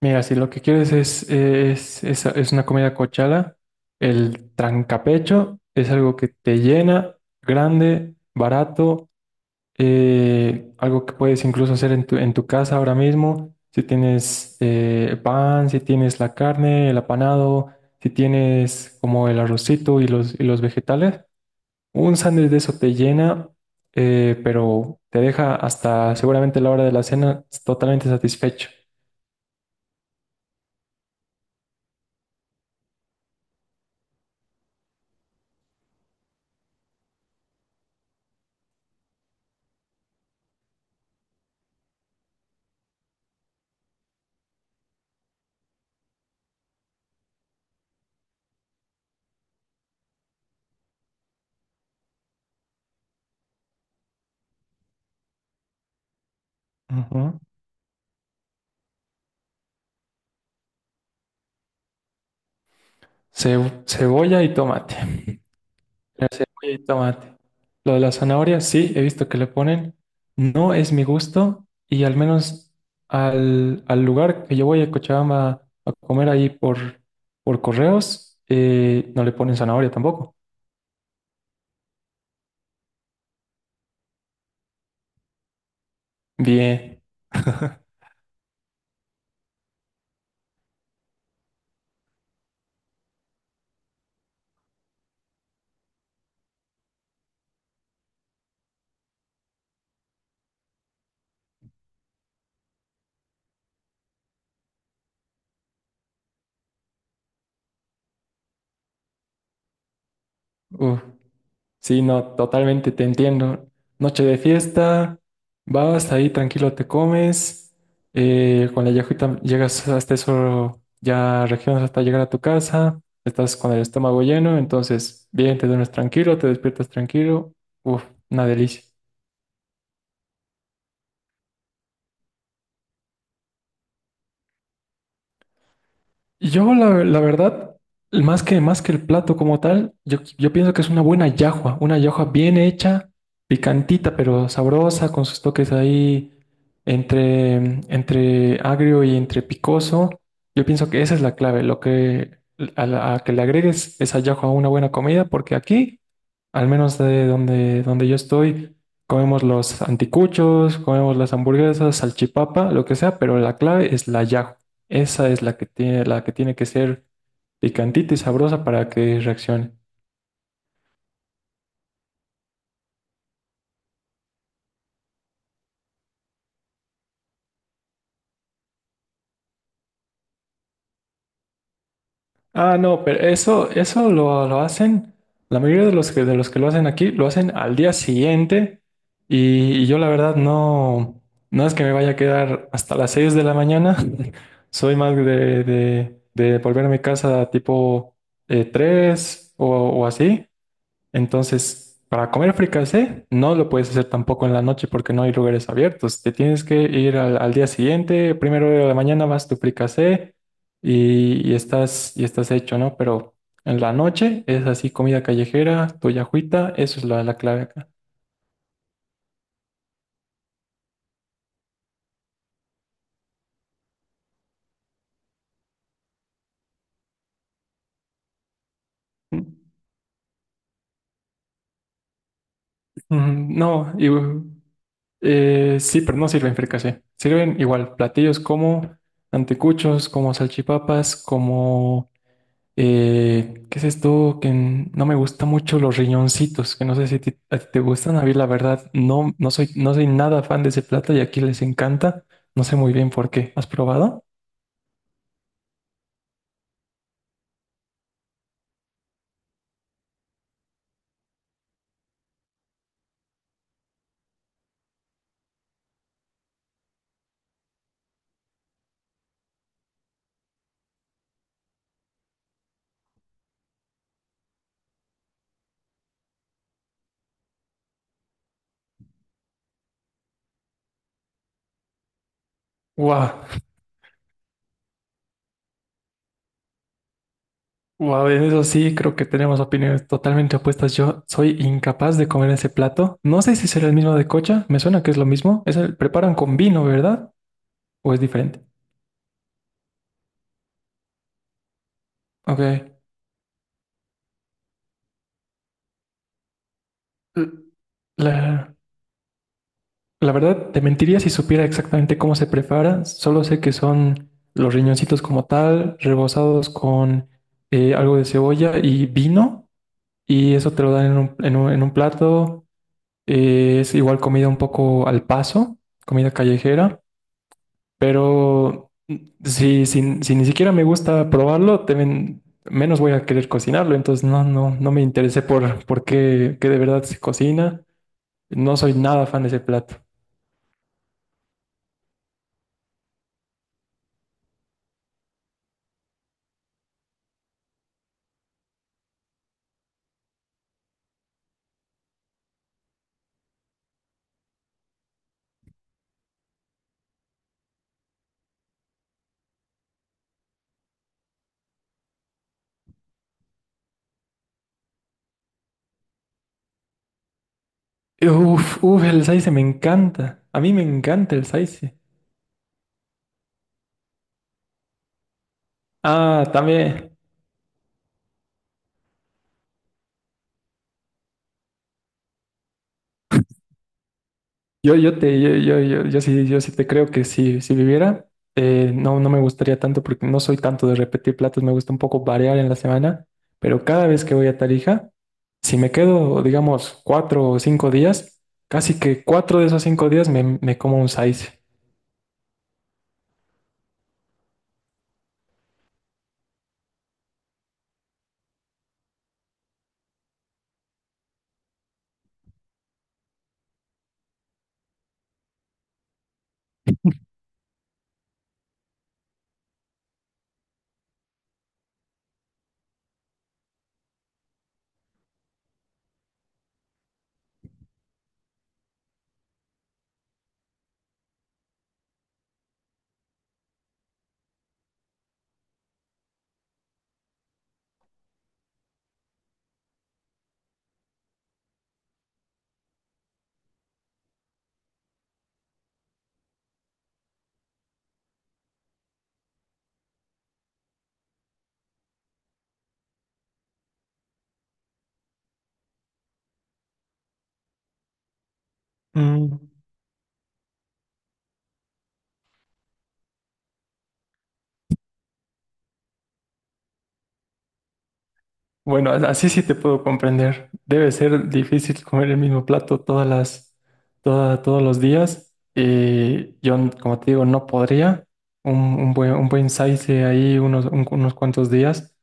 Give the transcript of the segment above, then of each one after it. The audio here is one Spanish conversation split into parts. Mira, si lo que quieres es una comida cochala, el trancapecho es algo que te llena, grande, barato, algo que puedes incluso hacer en tu casa ahora mismo. Si tienes pan, si tienes la carne, el apanado, si tienes como el arrocito y los vegetales, un sándwich de eso te llena, pero te deja hasta seguramente la hora de la cena totalmente satisfecho. Ujú. Cebolla y tomate. La cebolla y tomate. Lo de la zanahoria, sí, he visto que le ponen. No es mi gusto y al menos al lugar que yo voy a Cochabamba a comer ahí por correos, no le ponen zanahoria tampoco. Bien. Uf. Sí, no, totalmente te entiendo. Noche de fiesta, vas ahí tranquilo, te comes, con la yajita llegas hasta eso, ya regiones hasta llegar a tu casa, estás con el estómago lleno, entonces bien, te duermes tranquilo, te despiertas tranquilo, uf, una delicia. La verdad, más que el plato como tal, yo pienso que es una buena yahua, una yahua bien hecha, picantita, pero sabrosa, con sus toques ahí entre, entre agrio y entre picoso. Yo pienso que esa es la clave, lo que a que le agregues esa yahua a una buena comida. Porque aquí, al menos de donde yo estoy, comemos los anticuchos, comemos las hamburguesas, salchipapa, lo que sea, pero la clave es la yajo. Esa es la que tiene que ser picantita y sabrosa para que reaccione. Ah, no, pero eso, eso lo hacen, la mayoría de los que lo hacen aquí, lo hacen al día siguiente y yo la verdad no, no es que me vaya a quedar hasta las 6 de la mañana. Soy más de volver a mi casa tipo 3 o así. Entonces, para comer fricasé, no lo puedes hacer tampoco en la noche porque no hay lugares abiertos. Te tienes que ir al día siguiente, primero de la mañana vas tu fricasé y estás hecho, ¿no? Pero en la noche es así, comida callejera, tu yajuita, eso es la clave acá. Mm. No, y, sí, pero no sirven fricasé. Sirven igual platillos como anticuchos, como salchipapas, como... ¿qué es esto? Que no me gusta mucho los riñoncitos, que no sé si a ti te gustan. A mí, la verdad, no, no soy nada fan de ese plato y aquí les encanta. No sé muy bien por qué. ¿Has probado? Wow, wow, en eso sí creo que tenemos opiniones totalmente opuestas. Yo soy incapaz de comer ese plato. No sé si será el mismo de cocha. Me suena que es lo mismo. Es el preparan con vino, ¿verdad? ¿O es diferente? Ok. L- La, La verdad, te mentiría si supiera exactamente cómo se prepara. Solo sé que son los riñoncitos como tal, rebozados con algo de cebolla y vino, y eso te lo dan en un, en un plato. Es igual comida un poco al paso, comida callejera, pero mm, si ni siquiera me gusta probarlo, te menos voy a querer cocinarlo. Entonces no, no me interesé por qué, qué de verdad se cocina. No soy nada fan de ese plato. Uf, uf, el saice me encanta. A mí me encanta el saice. Ah, también. Yo te, yo sí, yo sí te creo que si viviera, no, no me gustaría tanto porque no soy tanto de repetir platos. Me gusta un poco variar en la semana, pero cada vez que voy a Tarija, si me quedo, digamos, cuatro o cinco días, casi que cuatro de esos cinco días me como un saice. Bueno, así sí te puedo comprender. Debe ser difícil comer el mismo plato todas todos los días. Y yo, como te digo, no podría. Un buen saice ahí unos, unos cuantos días.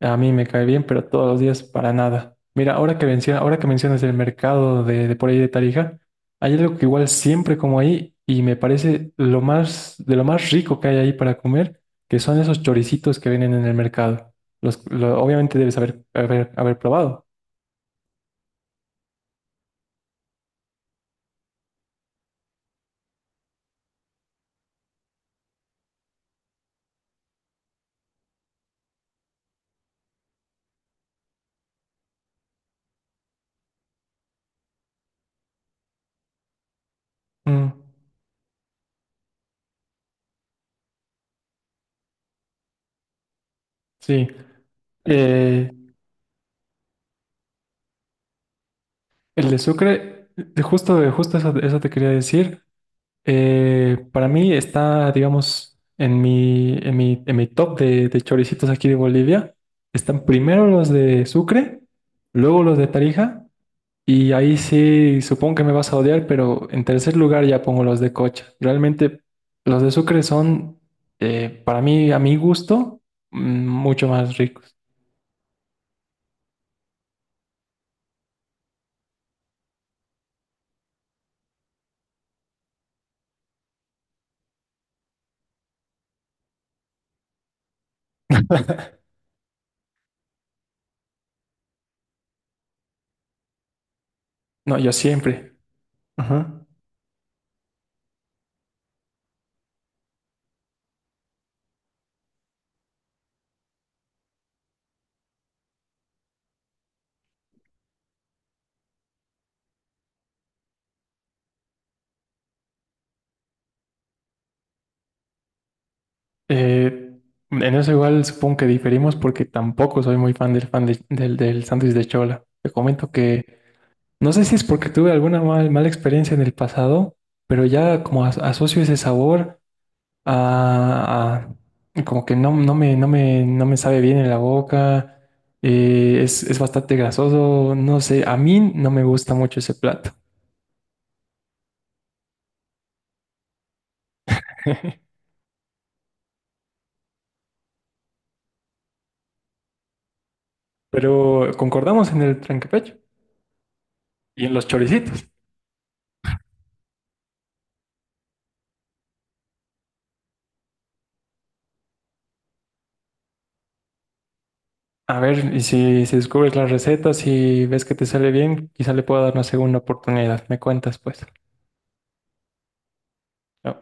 A mí me cae bien, pero todos los días para nada. Mira, ahora que menciona, ahora que mencionas el mercado de por ahí de Tarija, hay algo que igual siempre como ahí y me parece lo más, de lo más rico que hay ahí para comer, que son esos choricitos que vienen en el mercado. Obviamente debes haber probado. Mm, sí. Eh, el de Sucre, de justo eso, eso te quería decir. Para mí está, digamos, en mi top de choricitos aquí de Bolivia. Están primero los de Sucre, luego los de Tarija. Y ahí sí, supongo que me vas a odiar, pero en tercer lugar ya pongo los de Cocha. Realmente los de Sucre son, para mí, a mi gusto, mm, mucho más ricos. No, yo siempre. Ajá. Eh, en eso igual supongo que diferimos porque tampoco soy muy fan del, del sándwich de chola. Te comento que no sé si es porque tuve mala experiencia en el pasado, pero ya como asocio ese sabor a, como que no, no me sabe bien en la boca, es bastante grasoso, no sé, a mí no me gusta mucho ese plato. Pero concordamos en el trancapecho y en los choricitos. A ver, y si descubres las recetas y ves que te sale bien, quizá le pueda dar una segunda oportunidad. Me cuentas, pues. No.